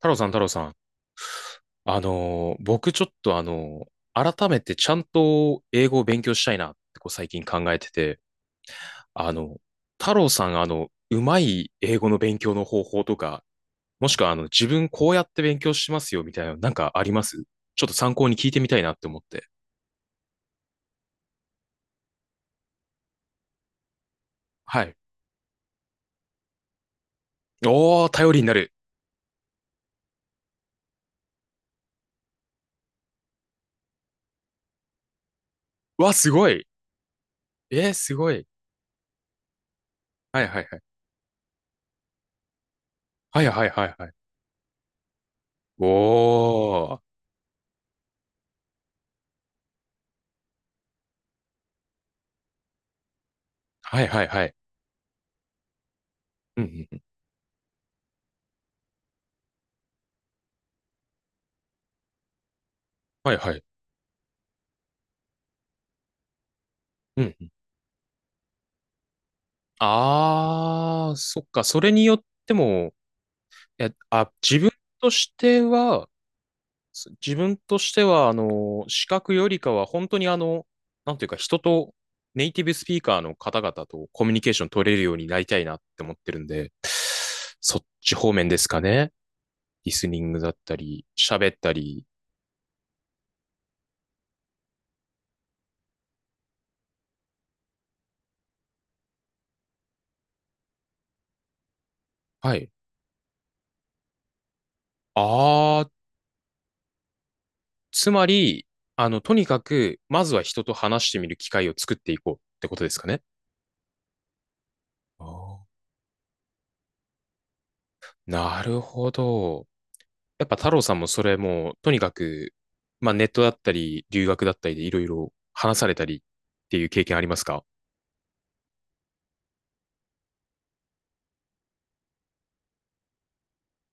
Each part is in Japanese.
太郎さん、太郎さん。僕ちょっと改めてちゃんと英語を勉強したいなってこう最近考えてて、あの、太郎さん、うまい英語の勉強の方法とか、もしくは自分こうやって勉強しますよみたいなのなんかありますちょっと参考に聞いてみたいなって思って。はい。おー、頼りになる。うわ、すごい。えー、すごい。はいはいはい。はいはいはいはい。おー。はいはいはい。うんうん。はいはい。うん。ああ、そっか。それによっても、え、あ、としては、自分としては、視覚よりかは、本当になんていうか、人とネイティブスピーカーの方々とコミュニケーション取れるようになりたいなって思ってるんで、そっち方面ですかね。リスニングだったり、喋ったり。はい。ああ、つまり、とにかく、まずは人と話してみる機会を作っていこうってことですかね。あーなるほど。やっぱ太郎さんもそれもう、とにかく、まあネットだったり、留学だったりでいろいろ話されたりっていう経験ありますか？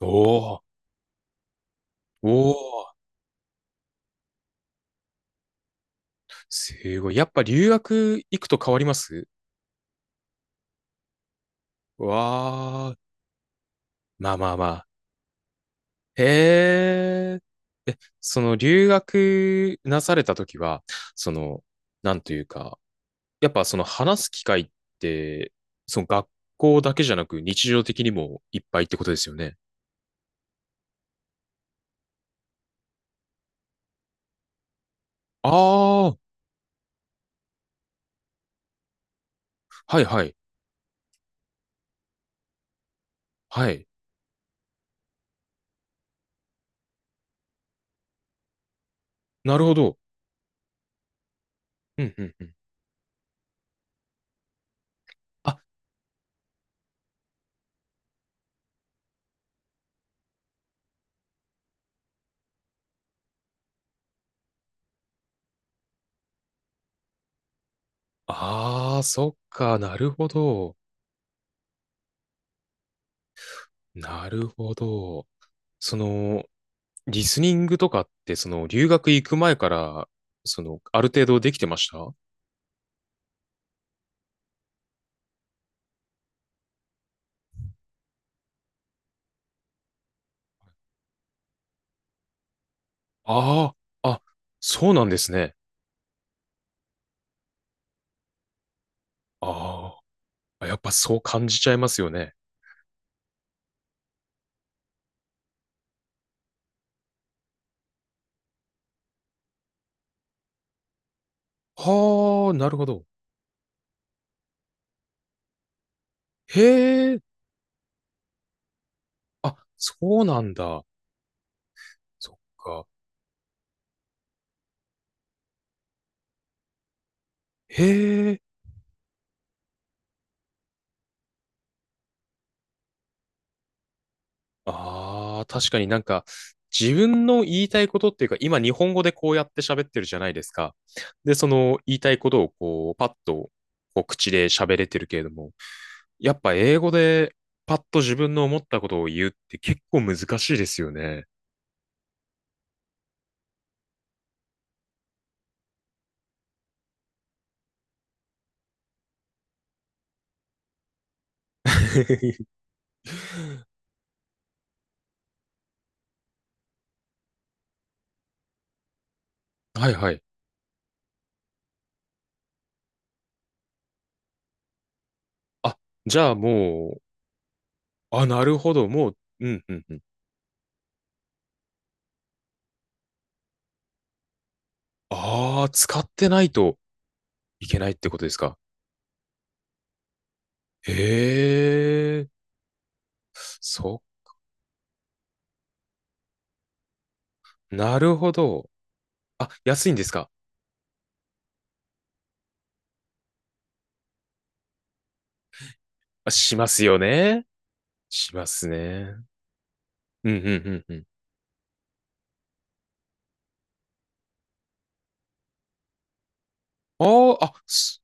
おー、おー、すごい。やっぱ留学行くと変わります？わー、まあまあまあ。へー。え、その留学なされた時は、その、なんというか、やっぱその話す機会って、その学校だけじゃなく日常的にもいっぱいってことですよね。ああ、はいはい、はい。なるほど。うんうんうん。あ、ああ、そっか、なるほど。なるほど。その、リスニングとかって、その、留学行く前から、その、ある程度できてました？ああ、あ、そうなんですね。ああ、やっぱそう感じちゃいますよね。はあ、なるほど。へえ、あ、そうなんだ。そっか。へえ。ああ、確かになんか、自分の言いたいことっていうか、今日本語でこうやって喋ってるじゃないですか。で、その言いたいことをこう、パッとこう口で喋れてるけれども、やっぱ英語でパッと自分の思ったことを言うって結構難しいですよね。はいはい。あ、じゃあもう、あ、なるほど、もう、うんうんうん。ああ、使ってないといけないってことですか？へえ、そう、なるほど。あ、安いんですか？あ、しますよね。しますね。うん、うん、うん、うん。ああ、あ、す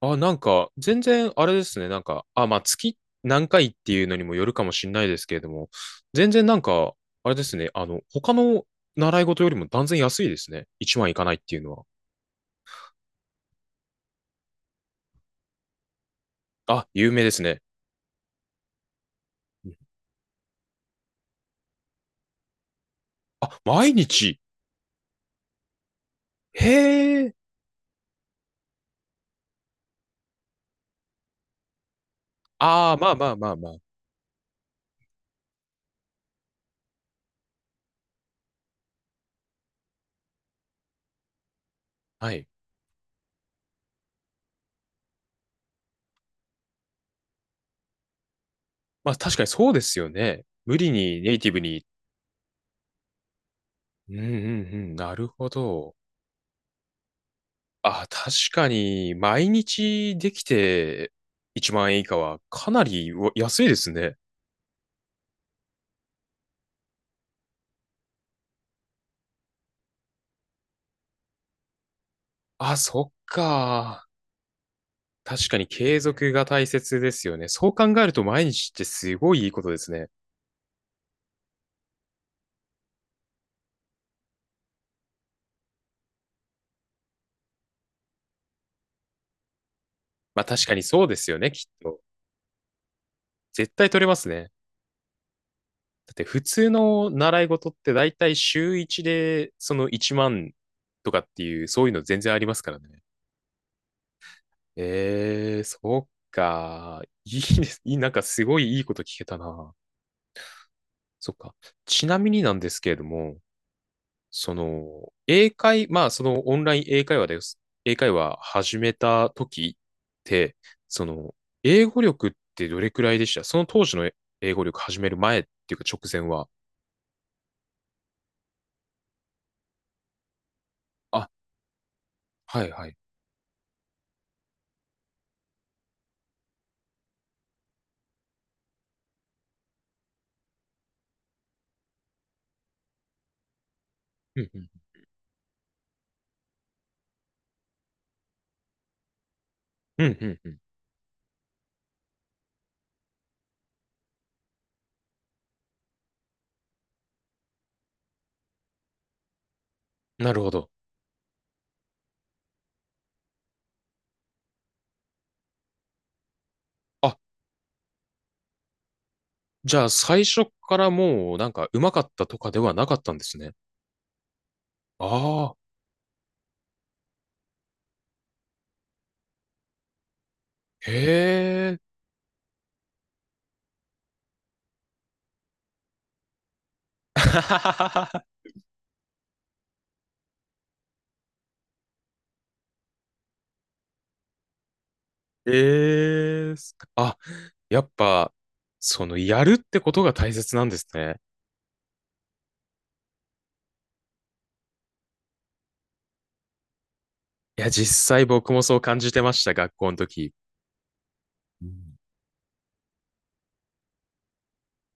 あ、なんか、全然、あれですね。なんか、あ、まあ、月何回っていうのにもよるかもしれないですけれども、全然なんか、あれですね。他の習い事よりも断然安いですね。1万いかないっていうのは。あ、有名ですね。うん。あ、毎日。へえ。ああ、まあまあまあまあ。はい。まあ、確かにそうですよね。無理にネイティブに。うん、うん、うん。なるほど。あ、確かに、毎日できて1万円以下はかなりうわ安いですね。あ、そっか。確かに継続が大切ですよね。そう考えると毎日ってすごいいいことですね。まあ確かにそうですよね、きっと。絶対取れますね。だって普通の習い事って大体週1でその1万とかっていう、そういうの全然ありますからね。そっか。いいです。いい、なんかすごいいいこと聞けたな。そっか。ちなみになんですけれども、その、まあ、そのオンライン英会話です。英会話始めた時って、その、英語力ってどれくらいでした？その当時の英語力始める前っていうか直前は。あ、はいはい。うんうん。うんうんうん。なるほど。あ、じゃあ最初からもうなんか上手かったとかではなかったんですね。ああ、へえ。ええ。あ、やっぱ、やるってことが大切なんですね。いや、実際僕もそう感じてました、学校の時。うん、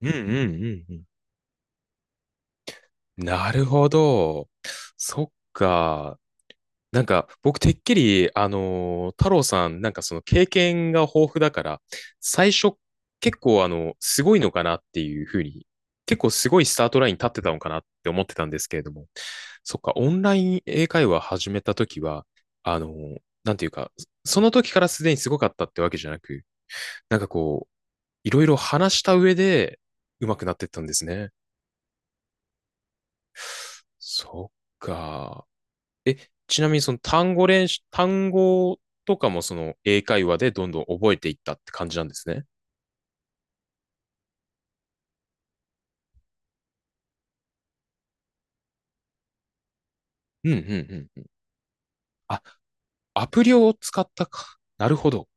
うんうんうんうん。なるほど。そっか。なんか、僕、てっきり、太郎さん、なんかその経験が豊富だから、最初、結構、すごいのかなっていうふうに、結構すごいスタートラインに立ってたのかなって思ってたんですけれども。そっか、オンライン英会話始めたときは、あの、なんていうか、その時からすでにすごかったってわけじゃなく、なんかこう、いろいろ話した上で上手くなってったんですね。そっか。え、ちなみにその単語練習、単語とかもその英会話でどんどん覚えていったって感じなんですね。うんうんうん。あ、アプリを使ったか。なるほど。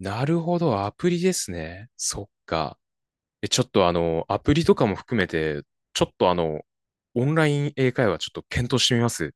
なるほど、アプリですね。そっか。え、ちょっとアプリとかも含めて、ちょっとオンライン英会話ちょっと検討してみます。